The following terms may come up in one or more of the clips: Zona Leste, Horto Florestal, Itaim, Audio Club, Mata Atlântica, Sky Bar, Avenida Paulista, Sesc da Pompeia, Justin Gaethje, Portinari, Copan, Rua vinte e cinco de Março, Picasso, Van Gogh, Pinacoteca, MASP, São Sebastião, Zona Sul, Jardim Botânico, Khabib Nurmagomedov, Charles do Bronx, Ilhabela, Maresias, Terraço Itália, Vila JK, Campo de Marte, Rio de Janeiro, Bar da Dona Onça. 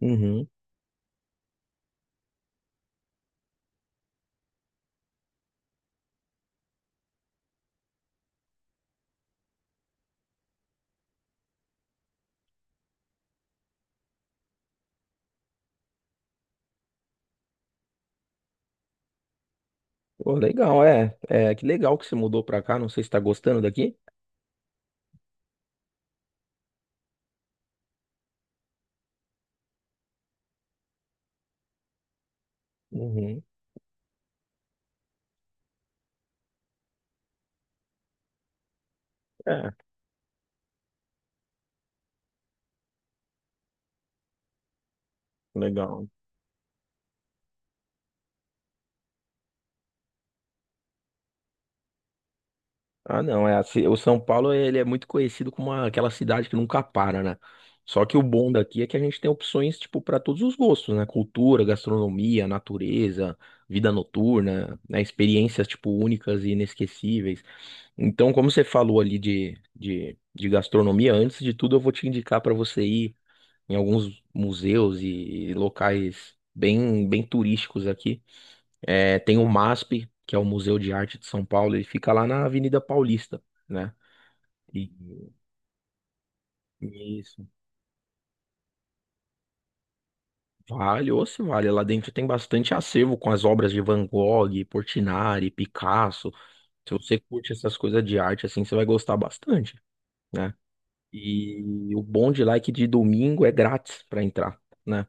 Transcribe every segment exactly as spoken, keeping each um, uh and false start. Uhum. Pô, legal, é. É, que legal que você mudou pra cá. Não sei se tá gostando daqui. Uhum. É, legal. Ah, não, é assim, o São Paulo ele é muito conhecido como uma- aquela cidade que nunca para, né? Só que o bom daqui é que a gente tem opções tipo para todos os gostos, né? Cultura, gastronomia, natureza, vida noturna, né? Experiências tipo únicas e inesquecíveis. Então, como você falou ali de, de, de gastronomia, antes de tudo eu vou te indicar para você ir em alguns museus e locais bem, bem turísticos aqui. É, tem o MASP, que é o Museu de Arte de São Paulo, ele fica lá na Avenida Paulista, né? E e isso. Vale, ou se vale. Lá dentro tem bastante acervo com as obras de Van Gogh, Portinari, Picasso. Se você curte essas coisas de arte, assim, você vai gostar bastante, né? E o bom de lá é que de domingo é grátis para entrar, né?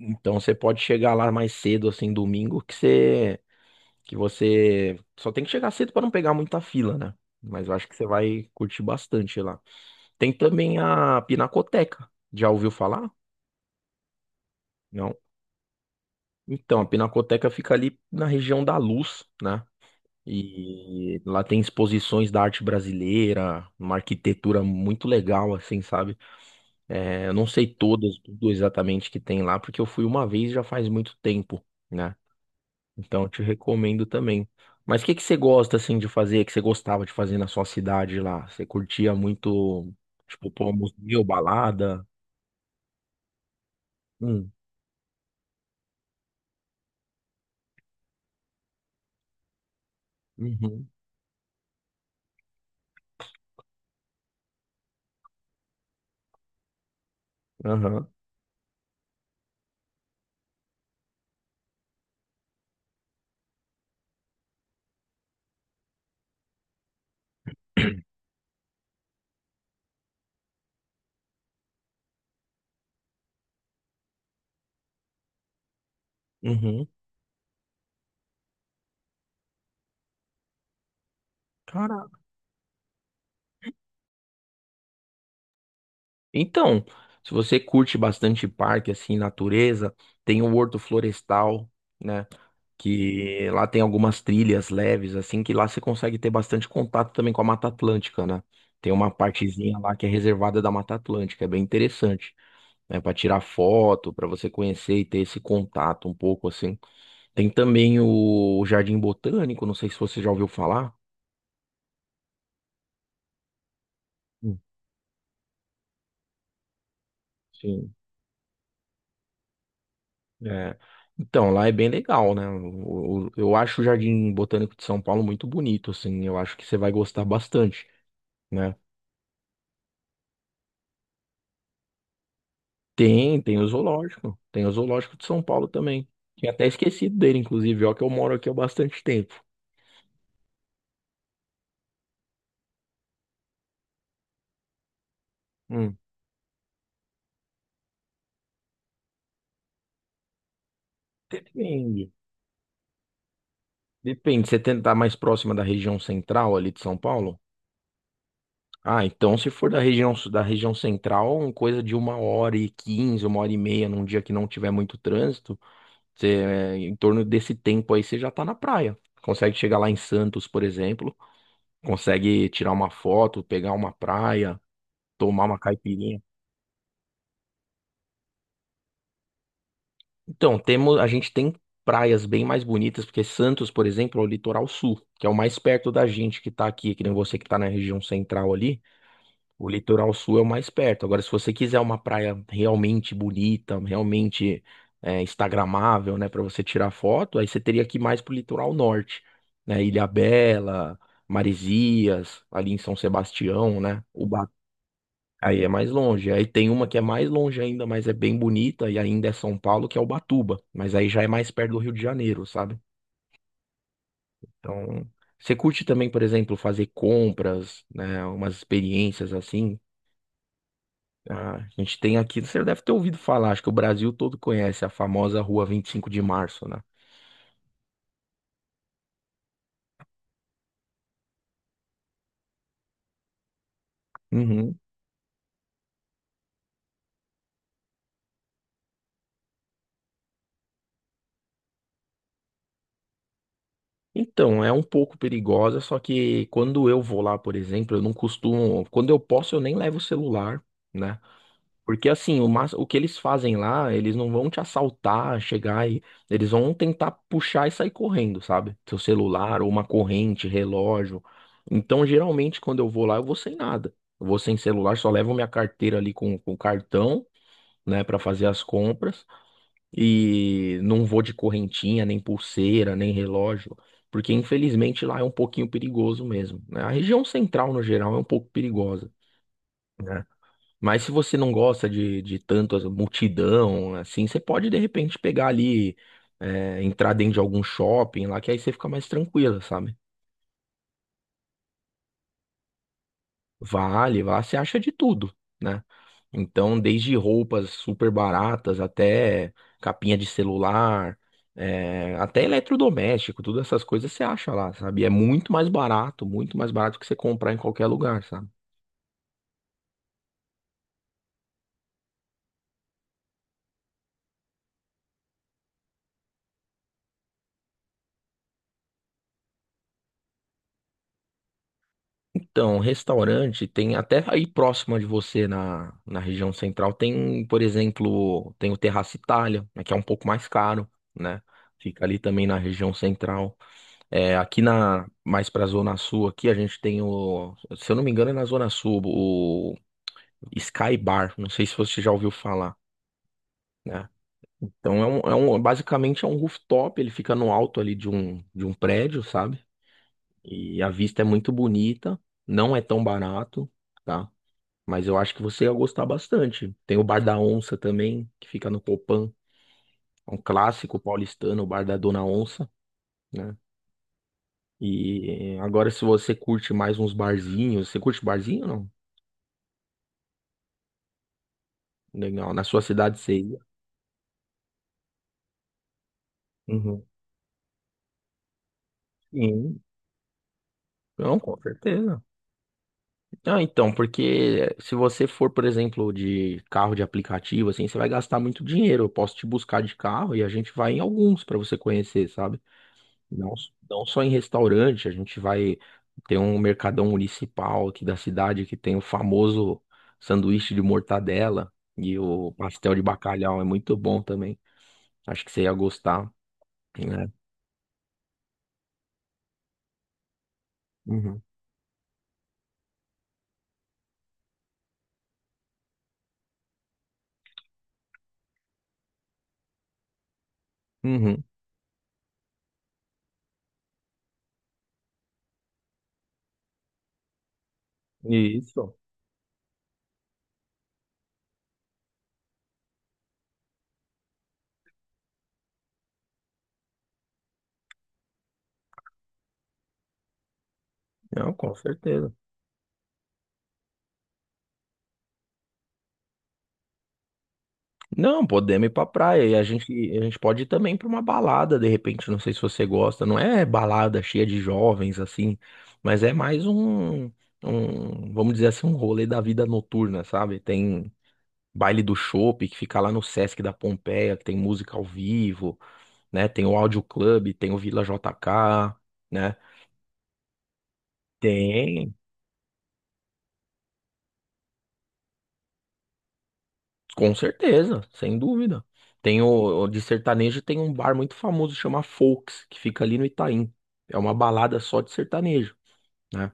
Então você pode chegar lá mais cedo, assim, domingo, que você que você só tem que chegar cedo para não pegar muita fila, né? Mas eu acho que você vai curtir bastante lá. Tem também a Pinacoteca. Já ouviu falar? Não. Então, a Pinacoteca fica ali na região da Luz, né? E lá tem exposições da arte brasileira, uma arquitetura muito legal, assim, sabe? É, eu não sei todas, tudo exatamente que tem lá, porque eu fui uma vez já faz muito tempo, né? Então, eu te recomendo também. Mas o que que você gosta assim de fazer, que você gostava de fazer na sua cidade lá? Você curtia muito, tipo, pô, museu, balada? Hum, uhum, aham, uhum. Cara, então, se você curte bastante parque assim, natureza, tem o Horto Florestal, né? Que lá tem algumas trilhas leves assim, que lá você consegue ter bastante contato também com a Mata Atlântica, né? Tem uma partezinha lá que é reservada da Mata Atlântica, é bem interessante. Né, para tirar foto, para você conhecer e ter esse contato um pouco assim. Tem também o Jardim Botânico, não sei se você já ouviu falar. Hum, Sim. É. É, então, lá é bem legal, né? O- o- Eu acho o Jardim Botânico de São Paulo muito bonito, assim, eu acho que você vai gostar bastante, né? Tem, tem o zoológico, tem o zoológico de São Paulo também. Tinha até esquecido dele, inclusive, ó, que eu moro aqui há bastante tempo. Hum. Depende. Depende, você tentar mais próxima da região central ali de São Paulo? Ah, então se for da região, su- da região central, uma coisa de uma hora e quinze, uma hora e meia, num dia que não tiver muito trânsito, você, é, em torno desse tempo aí você já tá na praia. Consegue chegar lá em Santos, por exemplo, consegue tirar uma foto, pegar uma praia, tomar uma caipirinha. Então, temos, a gente tem praias bem mais bonitas, porque Santos, por exemplo, é o litoral sul, que é o mais perto da gente que tá aqui, que nem você que tá na região central ali. O litoral sul é o mais perto. Agora, se você quiser uma praia realmente bonita, realmente é, instagramável, né, para você tirar foto, aí você teria que ir mais pro litoral norte, né? Ilhabela, Maresias, ali em São Sebastião, né? Uba- Aí é mais longe. Aí tem uma que é mais longe ainda, mas é bem bonita e ainda é São Paulo, que é Ubatuba, mas aí já é mais perto do Rio de Janeiro, sabe? Então, você curte também, por exemplo, fazer compras, né, umas experiências assim? Ah, a gente tem aqui, você deve ter ouvido falar, acho que o Brasil todo conhece a famosa Rua vinte e cinco de Março, né? Uhum. Então, é um pouco perigosa, só que quando eu vou lá, por exemplo, eu não costumo. Quando eu posso, eu nem levo o celular, né? Porque assim, o, mas- o que eles fazem lá, eles não vão te assaltar, chegar e. Eles vão tentar puxar e sair correndo, sabe? Seu celular, ou uma corrente, relógio. Então, geralmente, quando eu vou lá, eu vou sem nada. Eu vou sem celular, só levo minha carteira ali com, com cartão, né, para fazer as compras e não vou de correntinha, nem pulseira, nem relógio, porque infelizmente lá é um pouquinho perigoso mesmo, né? A região central no geral é um pouco perigosa, né? Mas se você não gosta de, de tanto as- multidão, assim, você pode de repente pegar ali, é, entrar dentro de algum shopping lá, que aí você fica mais tranquila, sabe? Vale, lá você acha de tudo, né? Então, desde roupas super baratas até capinha de celular, é, até eletrodoméstico, todas essas coisas você acha lá, sabe? E é muito mais barato, muito mais barato que você comprar em qualquer lugar, sabe? Então, restaurante tem até aí próximo de você na, na região central tem, por exemplo, tem o Terraço Itália, né, que é um pouco mais caro, né? Fica ali também na região central. É, aqui na mais pra Zona Sul aqui a gente tem o, se eu não me engano é na Zona Sul, o Sky Bar, não sei se você já ouviu falar, né? Então é um, é um- basicamente é um rooftop, ele fica no alto ali de um de um prédio, sabe? E a vista é muito bonita, não é tão barato, tá? Mas eu acho que você ia gostar bastante. Tem o Bar da Onça também, que fica no Copan, é um clássico paulistano, o Bar da Dona Onça, né. E agora, se você curte mais uns barzinhos, você curte barzinho ou não? Legal, na sua cidade você ia? Uhum. Sim, não, com certeza. Ah, então, porque se você for, por exemplo, de carro de aplicativo, assim, você vai gastar muito dinheiro. Eu posso te buscar de carro e a gente vai em alguns para você conhecer, sabe? Não, não só em restaurante, a gente vai ter um mercadão municipal aqui da cidade que tem o famoso sanduíche de mortadela e o pastel de bacalhau, é muito bom também. Acho que você ia gostar, né? Uhum. Uhum. Isso. Não, com certeza. Não, podemos ir pra praia e a gente, a gente pode ir também pra uma balada, de repente, não sei se você gosta, não é balada cheia de jovens assim, mas é mais um, um, vamos dizer assim, um rolê da vida noturna, sabe? Tem baile do chopp que fica lá no Sesc da Pompeia, que tem música ao vivo, né? Tem o Audio Club, tem o Vila J K, né? Tem. Com certeza, sem dúvida. Tem o, o- de sertanejo tem um bar muito famoso chama Folks, que fica ali no Itaim. É uma balada só de sertanejo, né?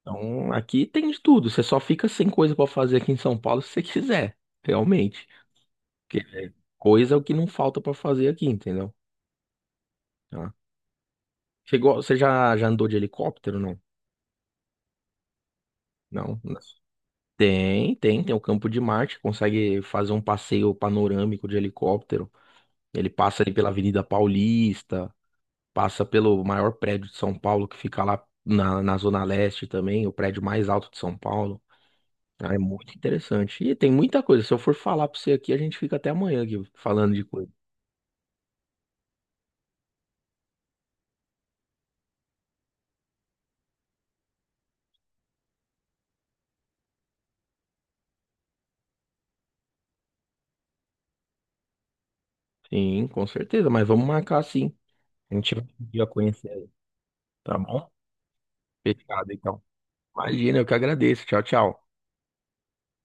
Então aqui tem de tudo. Você só fica sem coisa pra fazer aqui em São Paulo se você quiser, realmente. Porque é coisa é o que não falta pra fazer aqui, entendeu? Tá. Chegou, você já, já andou de helicóptero, não? Não, não. Tem, tem, tem o Campo de Marte, consegue fazer um passeio panorâmico de helicóptero. Ele passa ali pela Avenida Paulista, passa pelo maior prédio de São Paulo, que fica lá na, na Zona Leste também, o prédio mais alto de São Paulo. Ah, é muito interessante. E tem muita coisa. Se eu for falar pra você aqui, a gente fica até amanhã aqui falando de coisa. Sim, com certeza, mas vamos marcar sim. A gente vai um dia conhecer aí, tá bom? Fechado, então. Imagina, eu que agradeço. Tchau, tchau.